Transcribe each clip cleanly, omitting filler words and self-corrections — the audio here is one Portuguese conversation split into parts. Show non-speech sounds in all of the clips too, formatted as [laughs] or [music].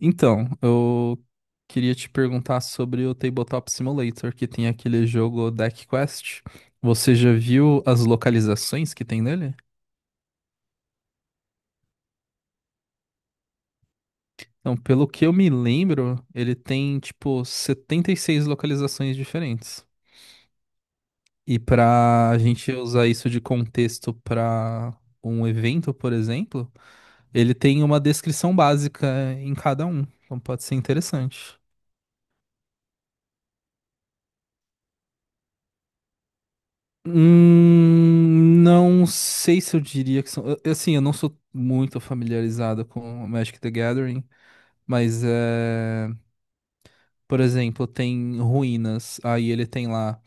Então, eu queria te perguntar sobre o Tabletop Simulator, que tem aquele jogo Deck Quest. Você já viu as localizações que tem nele? Então, pelo que eu me lembro, ele tem tipo 76 localizações diferentes. E pra gente usar isso de contexto pra um evento, por exemplo, ele tem uma descrição básica em cada um. Então pode ser interessante. Não sei se eu diria que são. Assim, eu não sou muito familiarizado com Magic the Gathering, mas é, por exemplo, tem ruínas. Aí ele tem lá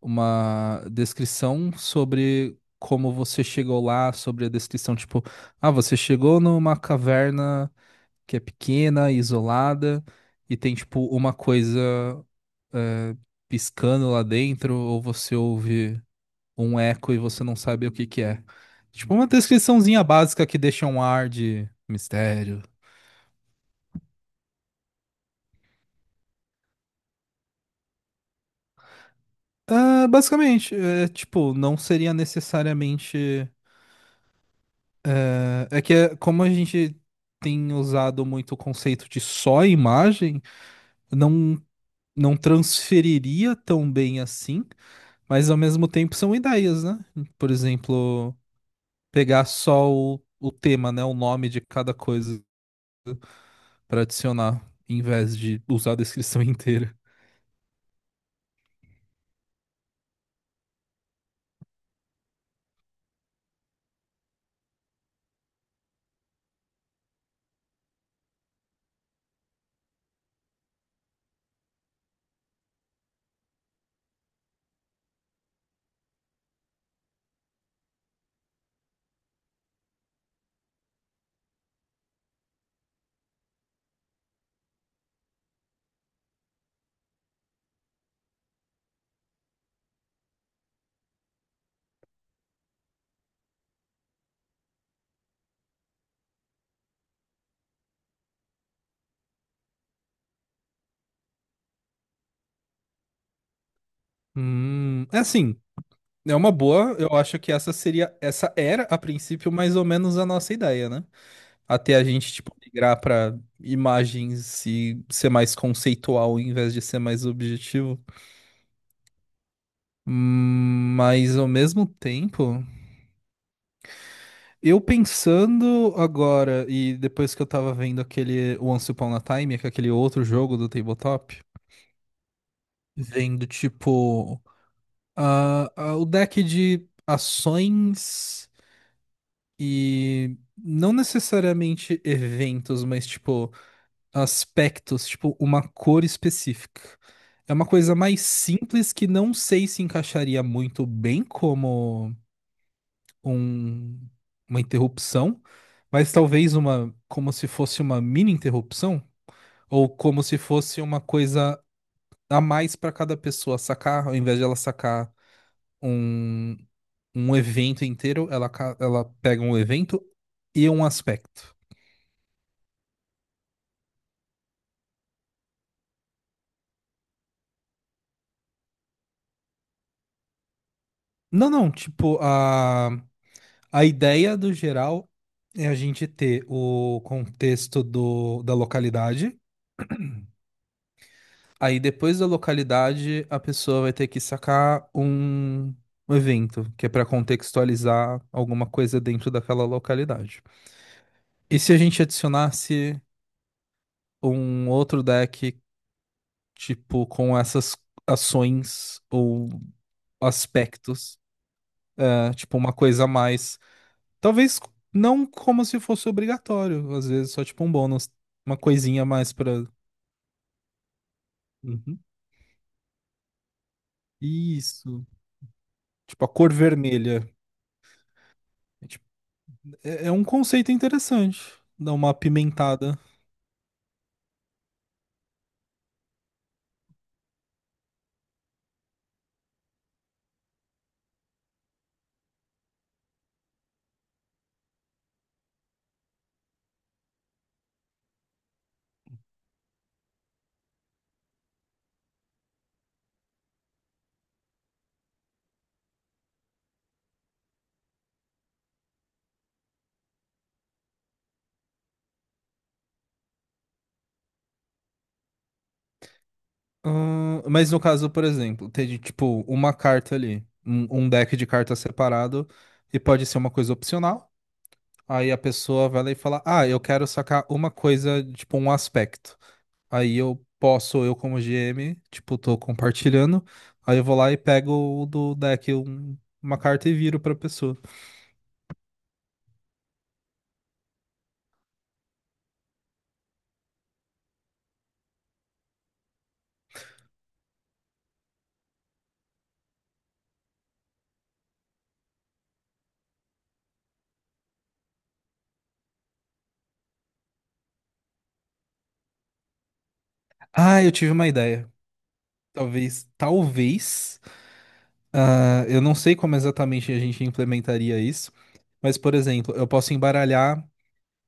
uma descrição sobre como você chegou lá, sobre a descrição, tipo, ah, você chegou numa caverna que é pequena, isolada, e tem, tipo, uma coisa piscando lá dentro, ou você ouve um eco e você não sabe o que que é. Tipo uma descriçãozinha básica que deixa um ar de mistério. Ah, basicamente, é, tipo, não seria necessariamente. É, é que é, como a gente tem usado muito o conceito de só imagem, não, não transferiria tão bem assim, mas ao mesmo tempo são ideias, né? Por exemplo, pegar só o tema, né? O nome de cada coisa para adicionar, em vez de usar a descrição [laughs] inteira. É assim, é uma boa. Eu acho que essa seria, essa era a princípio mais ou menos a nossa ideia, né? Até a gente tipo migrar pra imagens e ser mais conceitual em vez de ser mais objetivo. Mas ao mesmo tempo. Eu pensando agora, e depois que eu tava vendo aquele Once Upon a Time, que é aquele outro jogo do tabletop, vendo tipo ah, o deck de ações e não necessariamente eventos, mas tipo aspectos, tipo uma cor específica. É uma coisa mais simples que não sei se encaixaria muito bem um- uma interrupção, mas talvez uma, como se fosse uma mini interrupção, ou como se fosse uma coisa a mais para cada pessoa sacar, ao invés de ela sacar um, um evento inteiro, ela pega um evento e um aspecto. Não, não, tipo, a ideia do geral é a gente ter o contexto do, da localidade. Aí depois da localidade, a pessoa vai ter que sacar um evento, que é para contextualizar alguma coisa dentro daquela localidade. E se a gente adicionasse um outro deck, tipo, com essas ações ou aspectos, né? Tipo, uma coisa a mais. Talvez não como se fosse obrigatório, às vezes só tipo um bônus, uma coisinha a mais para. Isso. Tipo, a cor vermelha. Tipo, é, é um conceito interessante, dar uma apimentada. Mas no caso, por exemplo, tem tipo uma carta ali, um deck de cartas separado, e pode ser uma coisa opcional. Aí a pessoa vai lá e fala: Ah, eu quero sacar uma coisa, tipo um aspecto. Aí eu posso, eu como GM, tipo, tô compartilhando. Aí eu vou lá e pego o do deck, uma carta e viro pra pessoa. Ah, eu tive uma ideia. Talvez, talvez. Ah, eu não sei como exatamente a gente implementaria isso, mas, por exemplo, eu posso embaralhar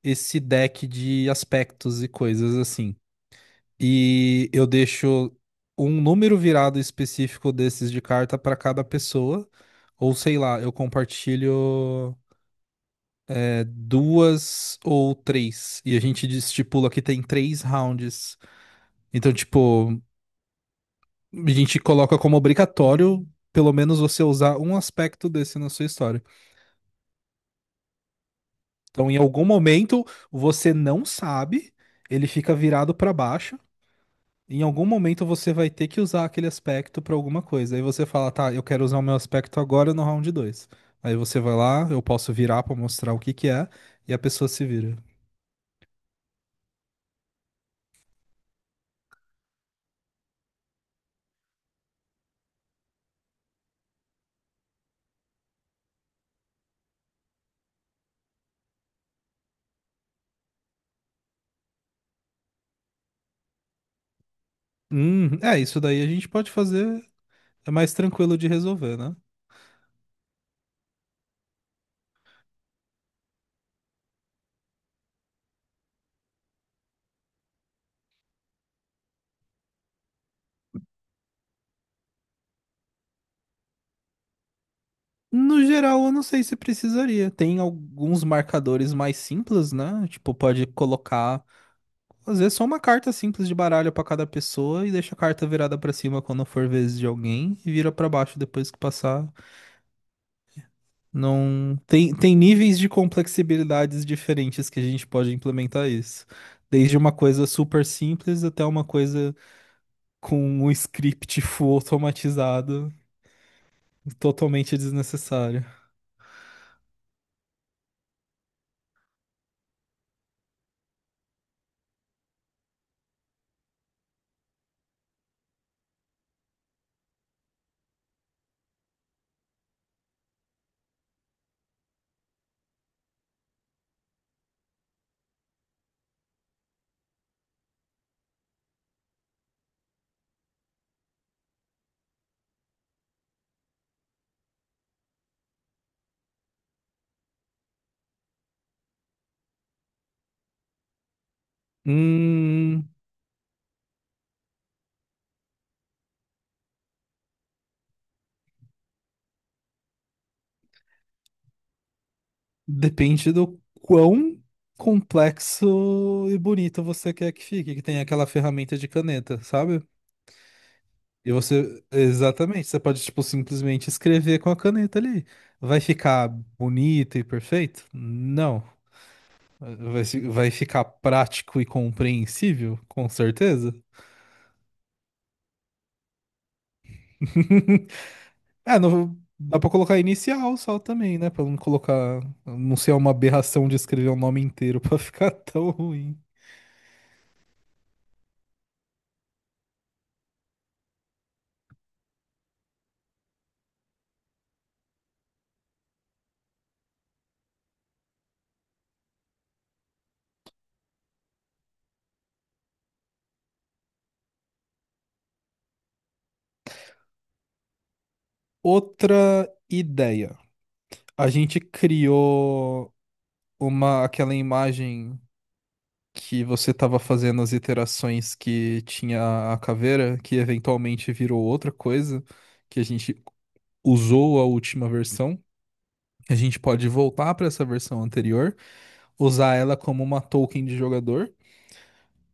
esse deck de aspectos e coisas assim. E eu deixo um número virado específico desses de carta para cada pessoa, ou sei lá, eu compartilho é, duas ou três, e a gente estipula que tem 3 rounds. Então, tipo, a gente coloca como obrigatório, pelo menos, você usar um aspecto desse na sua história. Então, em algum momento, você não sabe, ele fica virado para baixo. Em algum momento, você vai ter que usar aquele aspecto para alguma coisa. Aí você fala, tá, eu quero usar o meu aspecto agora no round 2. Aí você vai lá, eu posso virar para mostrar o que que é, e a pessoa se vira. É, isso daí a gente pode fazer, é mais tranquilo de resolver, né? No geral, eu não sei se precisaria. Tem alguns marcadores mais simples, né? Tipo, pode colocar às vezes só uma carta simples de baralho pra cada pessoa e deixa a carta virada pra cima quando for vez de alguém e vira pra baixo depois que passar. Não tem, tem níveis de complexibilidades diferentes que a gente pode implementar isso. Desde uma coisa super simples até uma coisa com um script full automatizado, totalmente desnecessário. Hum, Depende do quão complexo e bonito você quer que fique, que tem aquela ferramenta de caneta, sabe? E você, exatamente, você pode, tipo, simplesmente escrever com a caneta ali. Vai ficar bonito e perfeito? Não. Vai, vai ficar prático e compreensível? Com certeza. [laughs] É, não, dá pra colocar inicial só também, né? Pra não colocar, não ser uma aberração de escrever o nome inteiro [laughs] pra ficar tão ruim. Outra ideia. A gente criou uma, aquela imagem. Que você estava fazendo as iterações que tinha a caveira, que eventualmente virou outra coisa, que a gente usou a última versão. A gente pode voltar para essa versão anterior, usar ela como uma token de jogador.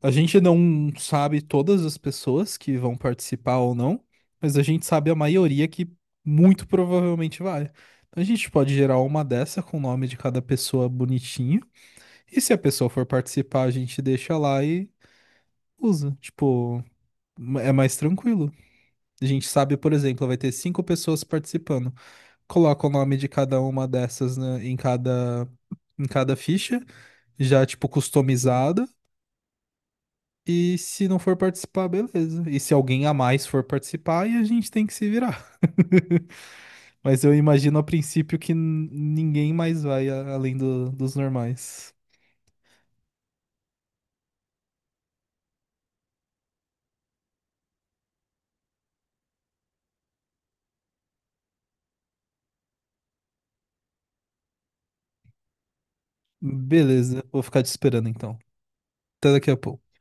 A gente não sabe todas as pessoas que vão participar ou não, mas a gente sabe a maioria que muito provavelmente vai. Então a gente pode gerar uma dessa com o nome de cada pessoa bonitinho. E se a pessoa for participar, a gente deixa lá e usa. Tipo, é mais tranquilo. A gente sabe, por exemplo, vai ter cinco pessoas participando. Coloca o nome de cada uma dessas, né, em cada ficha, já, tipo, customizada. E se não for participar, beleza. E se alguém a mais for participar, aí a gente tem que se virar. [laughs] Mas eu imagino a princípio que ninguém mais vai além dos normais. Beleza, vou ficar te esperando então. Até daqui a pouco.